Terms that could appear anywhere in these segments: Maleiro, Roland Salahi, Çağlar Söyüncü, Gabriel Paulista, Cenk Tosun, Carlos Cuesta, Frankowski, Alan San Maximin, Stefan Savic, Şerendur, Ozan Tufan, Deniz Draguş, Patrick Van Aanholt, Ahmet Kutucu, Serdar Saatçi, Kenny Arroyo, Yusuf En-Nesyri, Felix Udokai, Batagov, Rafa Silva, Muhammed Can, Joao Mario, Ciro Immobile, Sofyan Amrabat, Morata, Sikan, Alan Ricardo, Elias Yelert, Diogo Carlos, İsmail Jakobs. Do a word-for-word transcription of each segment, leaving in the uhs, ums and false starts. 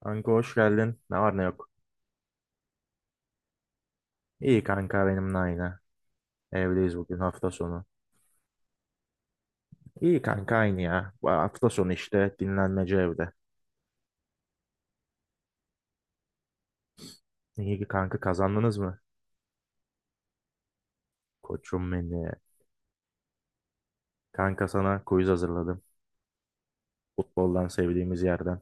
Kanka hoş geldin. Ne var ne yok. İyi kanka benimle aynı. Evdeyiz, bugün hafta sonu. İyi kanka aynı ya. Bu hafta sonu işte dinlenmece evde. İyi ki kanka, kazandınız mı? Koçum beni. Kanka sana quiz hazırladım. Futboldan sevdiğimiz yerden.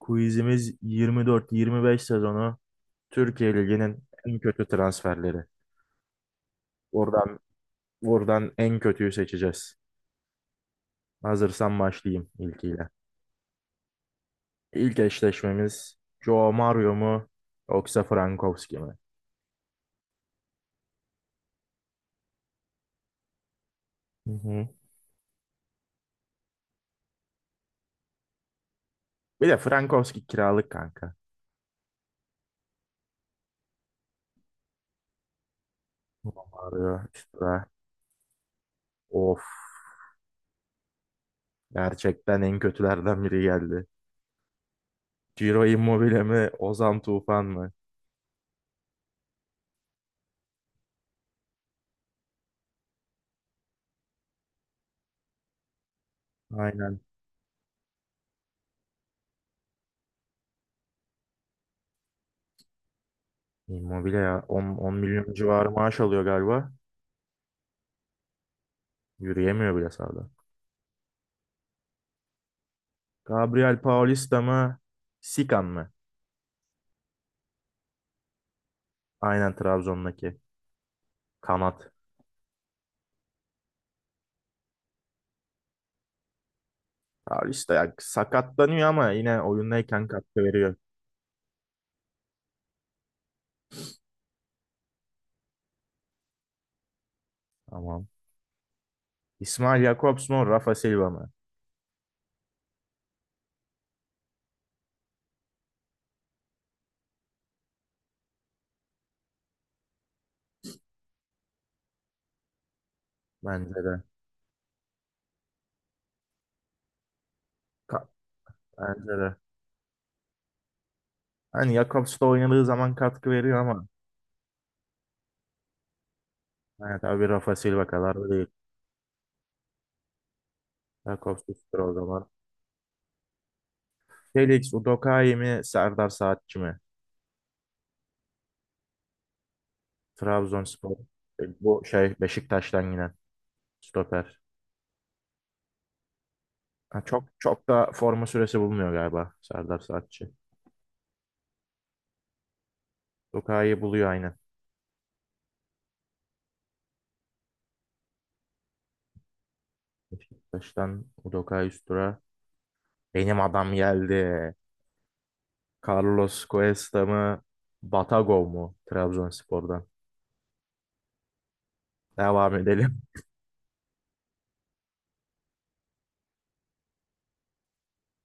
Quizimiz yirmi dört yirmi beş sezonu Türkiye Ligi'nin en kötü transferleri. Buradan, buradan en kötüyü seçeceğiz. Hazırsan başlayayım ilkiyle. İlk eşleşmemiz Joao Mario mu yoksa Frankowski mi? Hı hı. Bir de Frankowski kiralık kanka. Ulan arıyor işte. Of. Gerçekten en kötülerden biri geldi. Ciro Immobile mi? Ozan Tufan mı? Aynen. Immobile ya. on on milyon civarı maaş alıyor galiba. Yürüyemiyor bile sahada. Gabriel Paulista mı? Sikan mı? Aynen, Trabzon'daki. Kanat. Paulista ya sakatlanıyor ama yine oyundayken katkı veriyor. Tamam. İsmail Jakobs mu? Rafa Silva mı? Bence de. Ka- Bence de. Hani Jakobs da oynadığı zaman katkı veriyor ama evet abi, Rafa Silva kadar da değil. Jakobs üsttür o zaman. Felix Udokai mi, Serdar Saatçi mi? Trabzonspor. E, bu şey Beşiktaş'tan yine stoper. Ha, çok çok da forma süresi bulmuyor galiba Serdar Saatçi. Udokai'yi buluyor aynen. Beşiktaş'tan Udokai üstüra. Benim adam geldi. Carlos Cuesta mı? Batagov mu? Trabzonspor'dan. Devam edelim.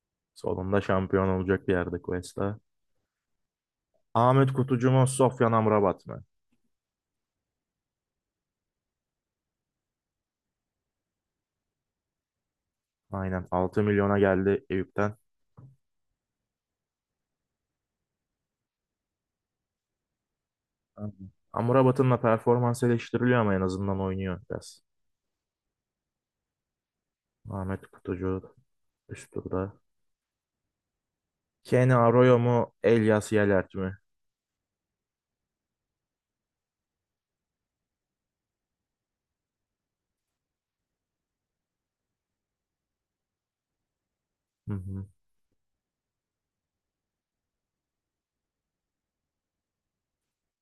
Sonunda şampiyon olacak bir yerde Cuesta. Ahmet Kutucu mu, Sofyan Amrabat mı? Aynen, altı milyona geldi Eyüp'ten. Aynen. Amrabat'ın da performans eleştiriliyor ama en azından oynuyor biraz. Ahmet Kutucu üst turda. Kenny Arroyo mu, Elias Yelert mi? Hı hı.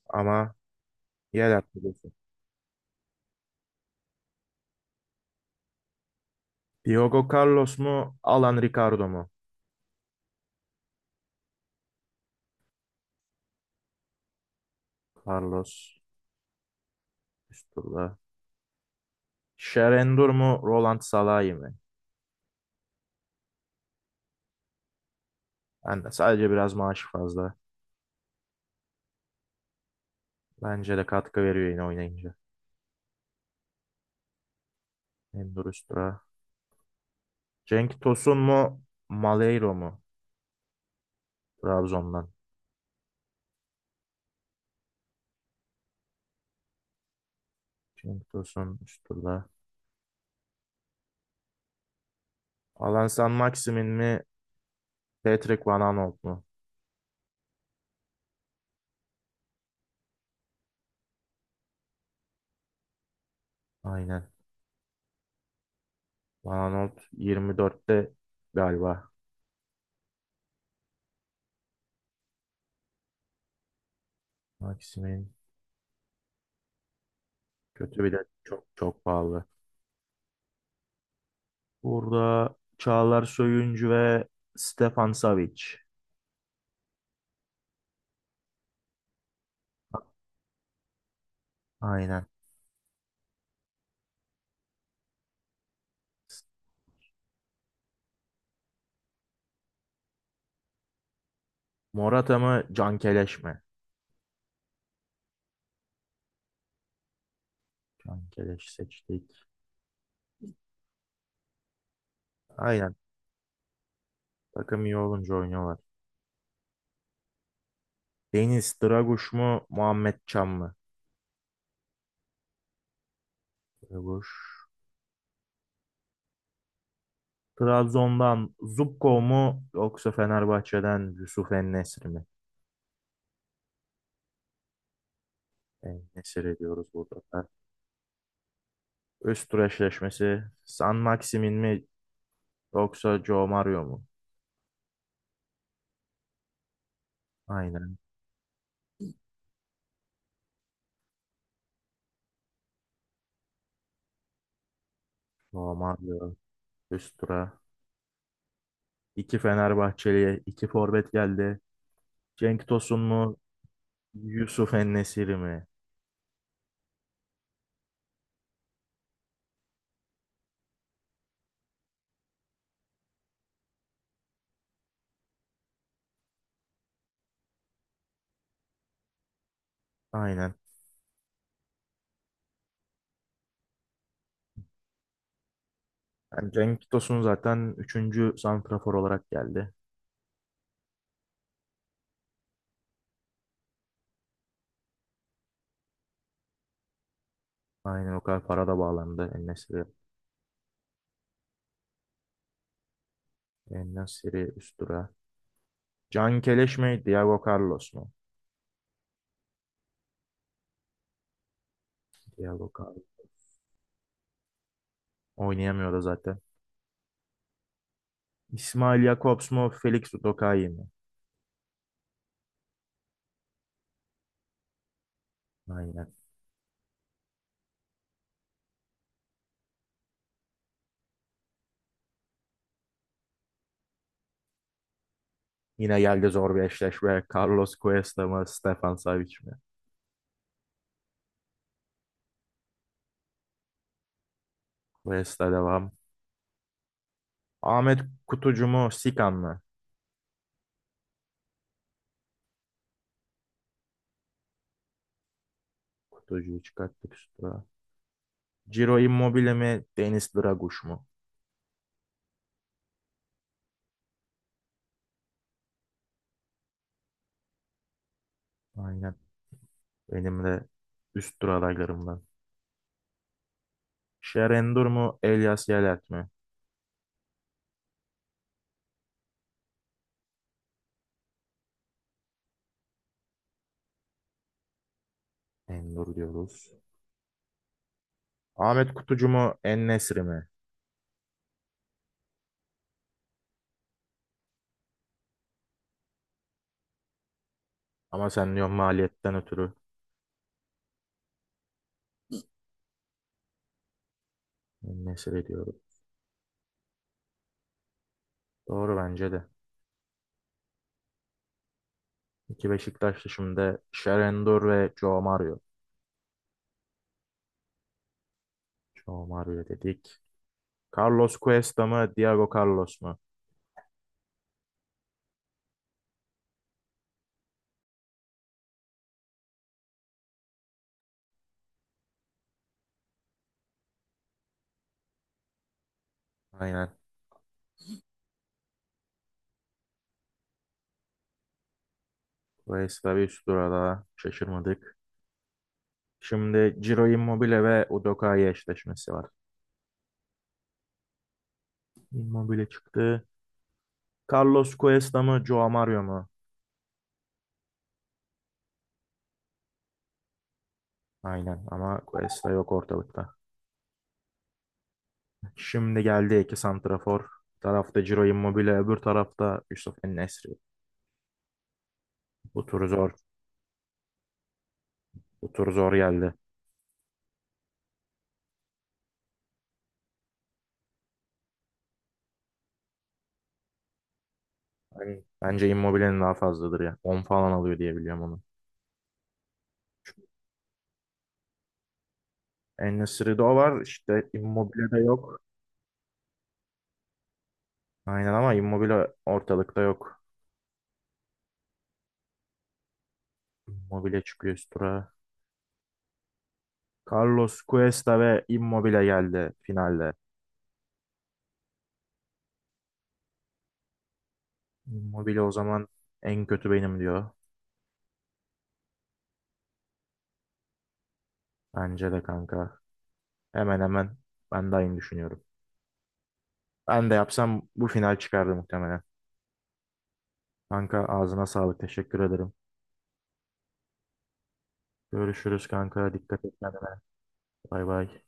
Ama Yelert biliyorsun. Diogo Carlos mu, Alan Ricardo mu? Carlos üst turda. Şerendur mu, Roland Salahi mi? Ben de, sadece biraz maaşı fazla. Bence de katkı veriyor yine oynayınca. Endur üst tura. Cenk Tosun mu? Maleiro mu? Trabzon'dan. Cenk Tosun üst turda. Alan San Maximin mi? Patrick Van Aanholt mu? Aynen. Van Aanholt yirmi dörtte galiba. Maximin kötü, bir de çok çok pahalı. Burada Çağlar Söyüncü ve Stefan Savic. Aynen. Morata mı? Cankeleş mi? Cankeleş seçtik. Aynen. Takım iyi olunca oynuyorlar. Deniz Draguş mu? Muhammed Can mı? Draguş. Trabzon'dan Zubko mu yoksa Fenerbahçe'den Yusuf En-Nesyri mi? En-Nesyri diyoruz burada da. Üst tur eşleşmesi San Maximin mi yoksa Joe Mario mu? Aynen, Joe Mario üst tura. İki Fenerbahçeli'ye iki forvet geldi. Cenk Tosun mu, Yusuf En-Nesyri mi? Aynen. Yani Cenk Tosun zaten üçüncü santrafor olarak geldi. Aynen, o kadar para da bağlandı En-Nesyri. En-Nesyri üst tura. Can Keleş mi? Diego Carlos mu? Diego Carlos. Oynayamıyor da zaten. İsmail Jakobs mu? Felix Udokai mi? Aynen. Yine geldi zor bir eşleşme. Carlos Cuesta mı? Stefan Savic mi? Cuesta devam. Ahmet Kutucu mu? Sikan mı? Kutucuyu çıkarttık üstüne. Ciro Immobile mi? Deniz Draguş mu? Aynen. Benim de üst tur adaylarımdan. Şer Endur mu? Elias Yalet mi? Endur diyoruz. Ahmet Kutucu mu? En-Nesyri mi? Ama sen diyorsun maliyetten ötürü mesele diyorum. Doğru, bence de. İki Beşiktaşlı şimdi, Sherendor ve Joe Mario. Joe Mario dedik. Carlos Cuesta mı, Diego Carlos mu? Aynen. Cuesta bir üst tura, daha şaşırmadık. Şimdi Ciro Immobile ve Udoka'yı eşleşmesi var. Immobile çıktı. Carlos Cuesta mı, Joe Mario mu? Aynen ama Cuesta yok ortalıkta. Şimdi geldi iki santrafor. Bir tarafta Ciro Immobile, öbür tarafta Yusuf en. Bu tur zor. Bu tur zor geldi. Yani bence Immobile'nin daha fazladır ya. On falan alıyor diye biliyorum onu. En-Nesyri'de o var. İşte Immobile de yok. Aynen ama Immobile ortalıkta yok. Immobile çıkıyor üst tura. Carlos Cuesta ve Immobile geldi finalde. Immobile o zaman en kötü benim diyor. Bence de kanka. Hemen hemen ben de aynı düşünüyorum. Ben de yapsam bu final çıkardı muhtemelen. Kanka ağzına sağlık. Teşekkür ederim. Görüşürüz kanka. Dikkat et kendine. Bay bay.